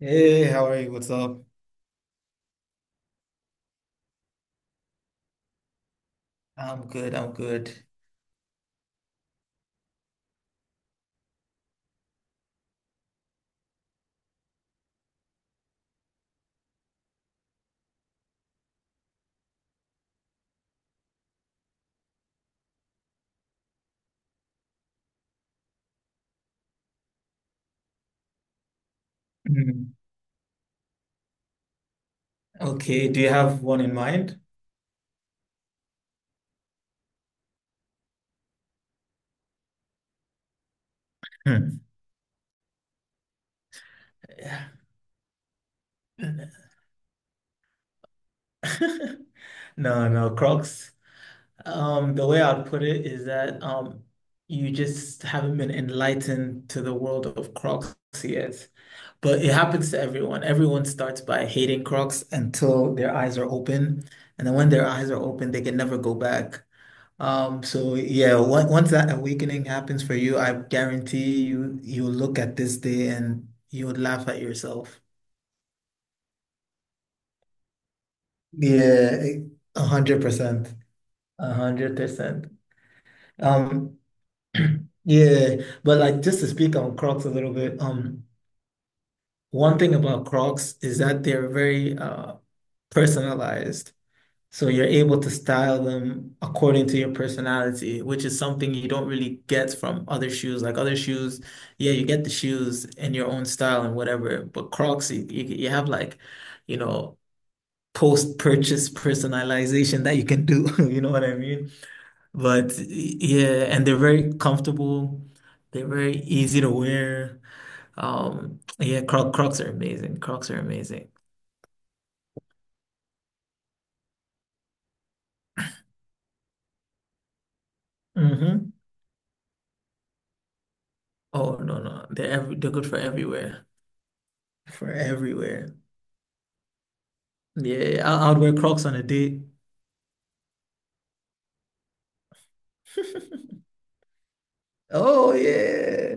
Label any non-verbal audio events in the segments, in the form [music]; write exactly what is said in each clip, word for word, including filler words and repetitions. Hey, how are you? What's up? I'm good. I'm good. Hmm. Okay. Do you have one in mind? Hmm. Yeah. [laughs] No, no, Crocs. Um, the way I'd put it is that um, you just haven't been enlightened to the world of Crocs yet. But it happens to everyone. Everyone starts by hating Crocs until their eyes are open, and then when their eyes are open, they can never go back. Um, so yeah, once once that awakening happens for you, I guarantee you you'll look at this day and you'll laugh at yourself. Yeah, a hundred percent. A hundred percent. Um, [clears throat] yeah, but like just to speak on Crocs a little bit, um, one thing about Crocs is that they're very uh personalized. So you're able to style them according to your personality, which is something you don't really get from other shoes. Like other shoes, yeah, you get the shoes in your own style and whatever, but Crocs, you, you, you have like, you know, post-purchase personalization that you can do. [laughs] You know what I mean? But yeah, and they're very comfortable. They're very easy to wear. Um, yeah, Croc, Crocs are amazing. Crocs are amazing. Hmm. Oh no, no, they're every, they're good for everywhere. For everywhere. Yeah, I, I would wear Crocs on a date. Oh yeah.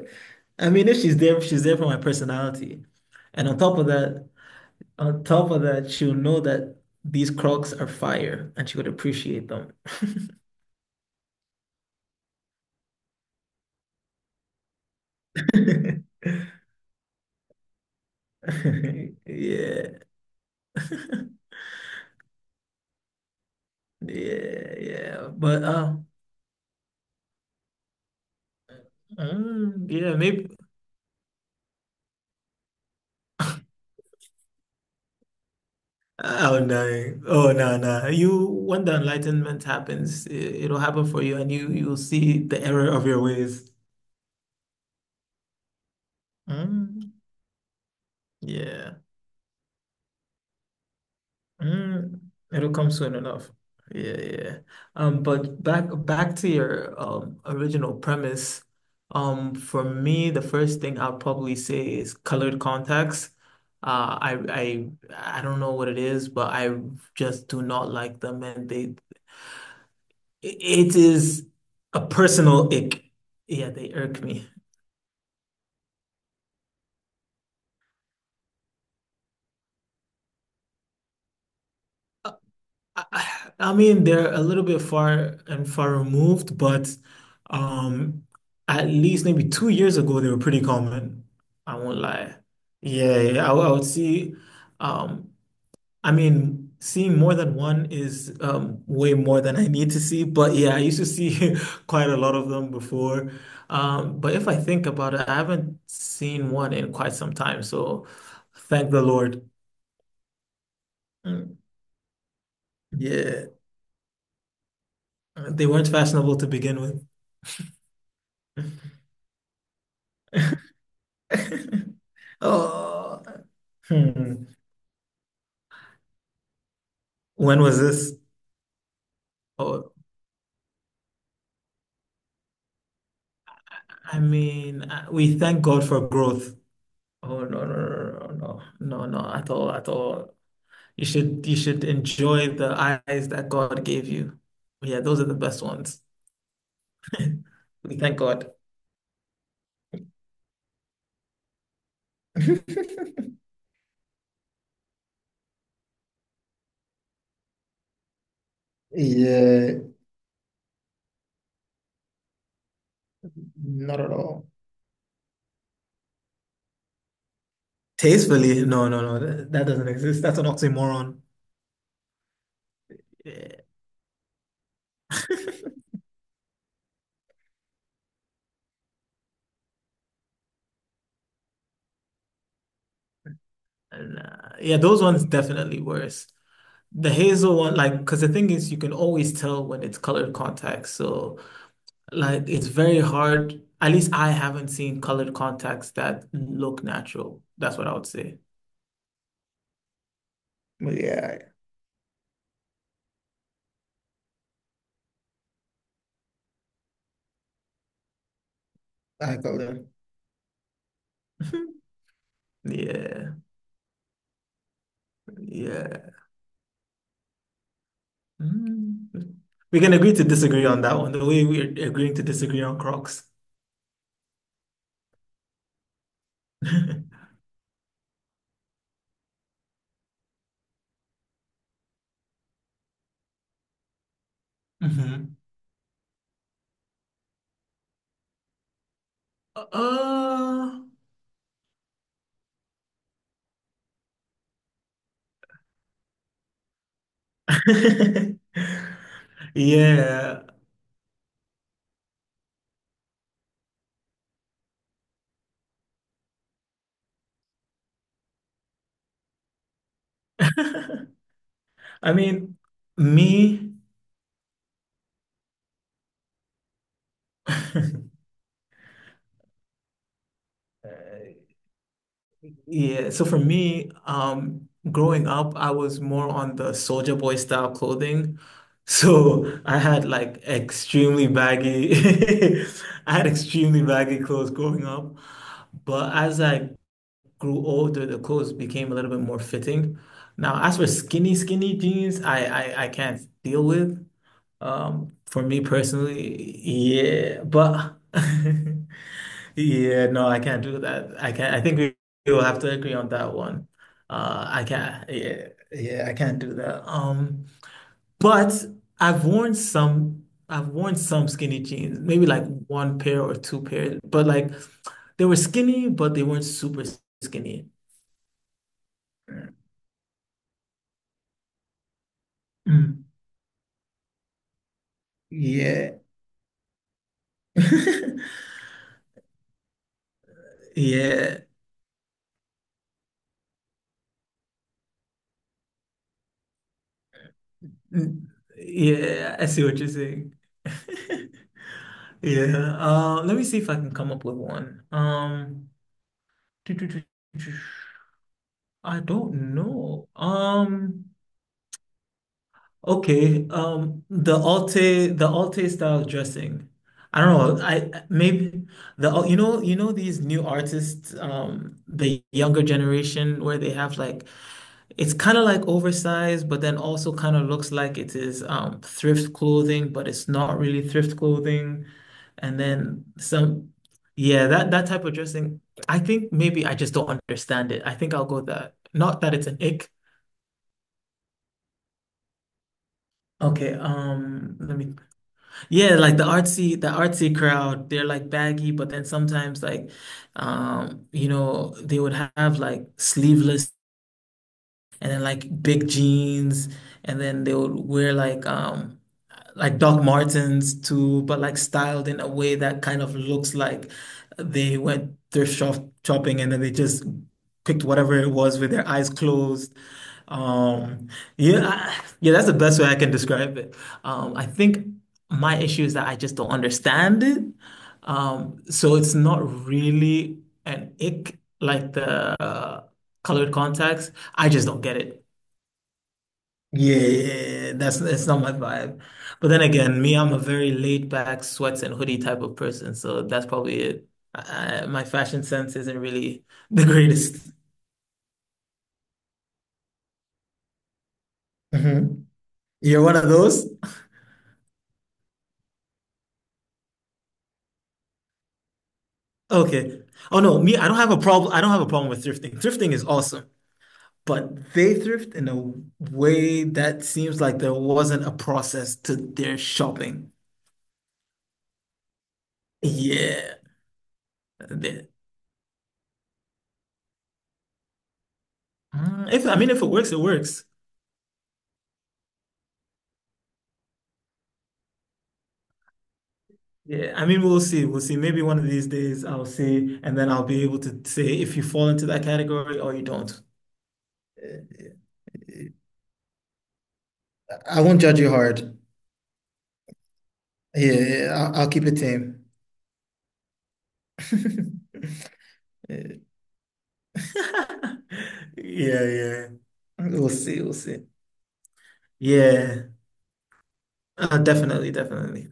I mean, if she's there, she's there for my personality. And on top of that, on top of that, she'll know that these Crocs are fire and she would appreciate them. [laughs] Yeah. Yeah, yeah. But uh Mm, yeah, maybe. Oh no. Oh no, no. You when the enlightenment happens, it, it'll happen for you and you you'll see the error of your ways. Mm. Yeah. Mm, it'll come soon enough. Yeah, yeah. Um, but back back to your um original premise. Um, for me, the first thing I'll probably say is colored contacts. Uh, I I I don't know what it is, but I just do not like them, and they it is a personal ick. Yeah, they irk me. I, I mean, they're a little bit far and far removed, but um, at least maybe two years ago, they were pretty common. I won't lie. Yeah, yeah, I, would I would see. Um, I mean, seeing more than one is um, way more than I need to see. But yeah, I used to see [laughs] quite a lot of them before. Um, but if I think about it, I haven't seen one in quite some time. So thank the Lord. Mm, yeah, they weren't fashionable to begin with. [laughs] [laughs] Oh, hmm. When was this? Oh, I mean, uh, we thank God for growth. Oh no, no, no, no, no, no, no, no, at all, at all. You should, you should enjoy the eyes that God gave you. Yeah, those are the best ones. [laughs] We thank God. [laughs] Yeah, not at all. Tastefully, no, no, no, that, that doesn't exist. That's an oxymoron. Yeah, nah. Yeah, those ones definitely worse. The hazel one, like, because the thing is, you can always tell when it's colored contacts. So, like, it's very hard. At least I haven't seen colored contacts that look natural. That's what I would say. But yeah, I, I got it. [laughs] Yeah, yeah. Mm. We can agree to disagree on that one, the way we're agreeing to disagree on Crocs. [laughs] Mhm. Uh, [laughs] yeah. [laughs] I mean, me. [laughs] Yeah, so for me, um, growing up, I was more on the Soldier Boy style clothing. [laughs] So I had like extremely baggy, [laughs] I had extremely baggy clothes growing up. But as I grew older, the clothes became a little bit more fitting. Now, as for skinny, skinny jeans, I, I, I can't deal with. Um, for me personally, yeah, but [laughs] Yeah, no, I can't do that. I can't. I think we we will have to agree on that one. Uh, I can't. Yeah, yeah, I can't do that. Um, but I've worn some. I've worn some skinny jeans, maybe like one pair or two pairs, but like they were skinny, but they weren't super skinny. Mm. Yeah, [laughs] yeah. Mm. Yeah. I see what you're saying. [laughs] Yeah. Uh, let me see if I can come up with one. Um. [tsk] I don't know. Um, okay. Um, the Alte, the Alte style dressing. I don't know. I maybe the you know you know these new artists, um, the younger generation where they have like it's kind of like oversized, but then also kind of looks like it is um thrift clothing, but it's not really thrift clothing. And then some, yeah, that that type of dressing. I think maybe I just don't understand it. I think I'll go with that. Not that it's an ick. Okay, um, let me, yeah, like the artsy, the artsy crowd, they're like baggy, but then sometimes like, um, you know, they would have like sleeveless and then like big jeans, and then they would wear like um like Doc Martens too, but like styled in a way that kind of looks like they went thrift shop shopping and then they just picked whatever it was with their eyes closed. Um, yeah, I, yeah, that's the best way I can describe it. Um, I think my issue is that I just don't understand it. Um, so it's not really an ick like the colored contacts. I just don't get it. Yeah, yeah, yeah, that's that's not my vibe. But then again, me, I'm a very laid back sweats and hoodie type of person, so that's probably it. I, I- my fashion sense isn't really [laughs] the greatest. Mhm. You're one of those? Okay. Oh no, me, I don't have a problem. I don't have a problem with thrifting. Thrifting is awesome, but they thrift in a way that seems like there wasn't a process to their shopping. Yeah. They- Mm, if I mean, if it works, it works. Yeah, I mean, we'll see. We'll see. Maybe one of these days I'll see, and then I'll be able to say if you fall into that category or you don't. I won't judge you hard. Yeah, yeah, I'll, I'll keep it tame. [laughs] Yeah, [laughs] Yeah, yeah. We'll see. We'll see. Yeah. Uh, definitely, definitely.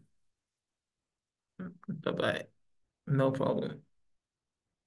Bye-bye. No problem.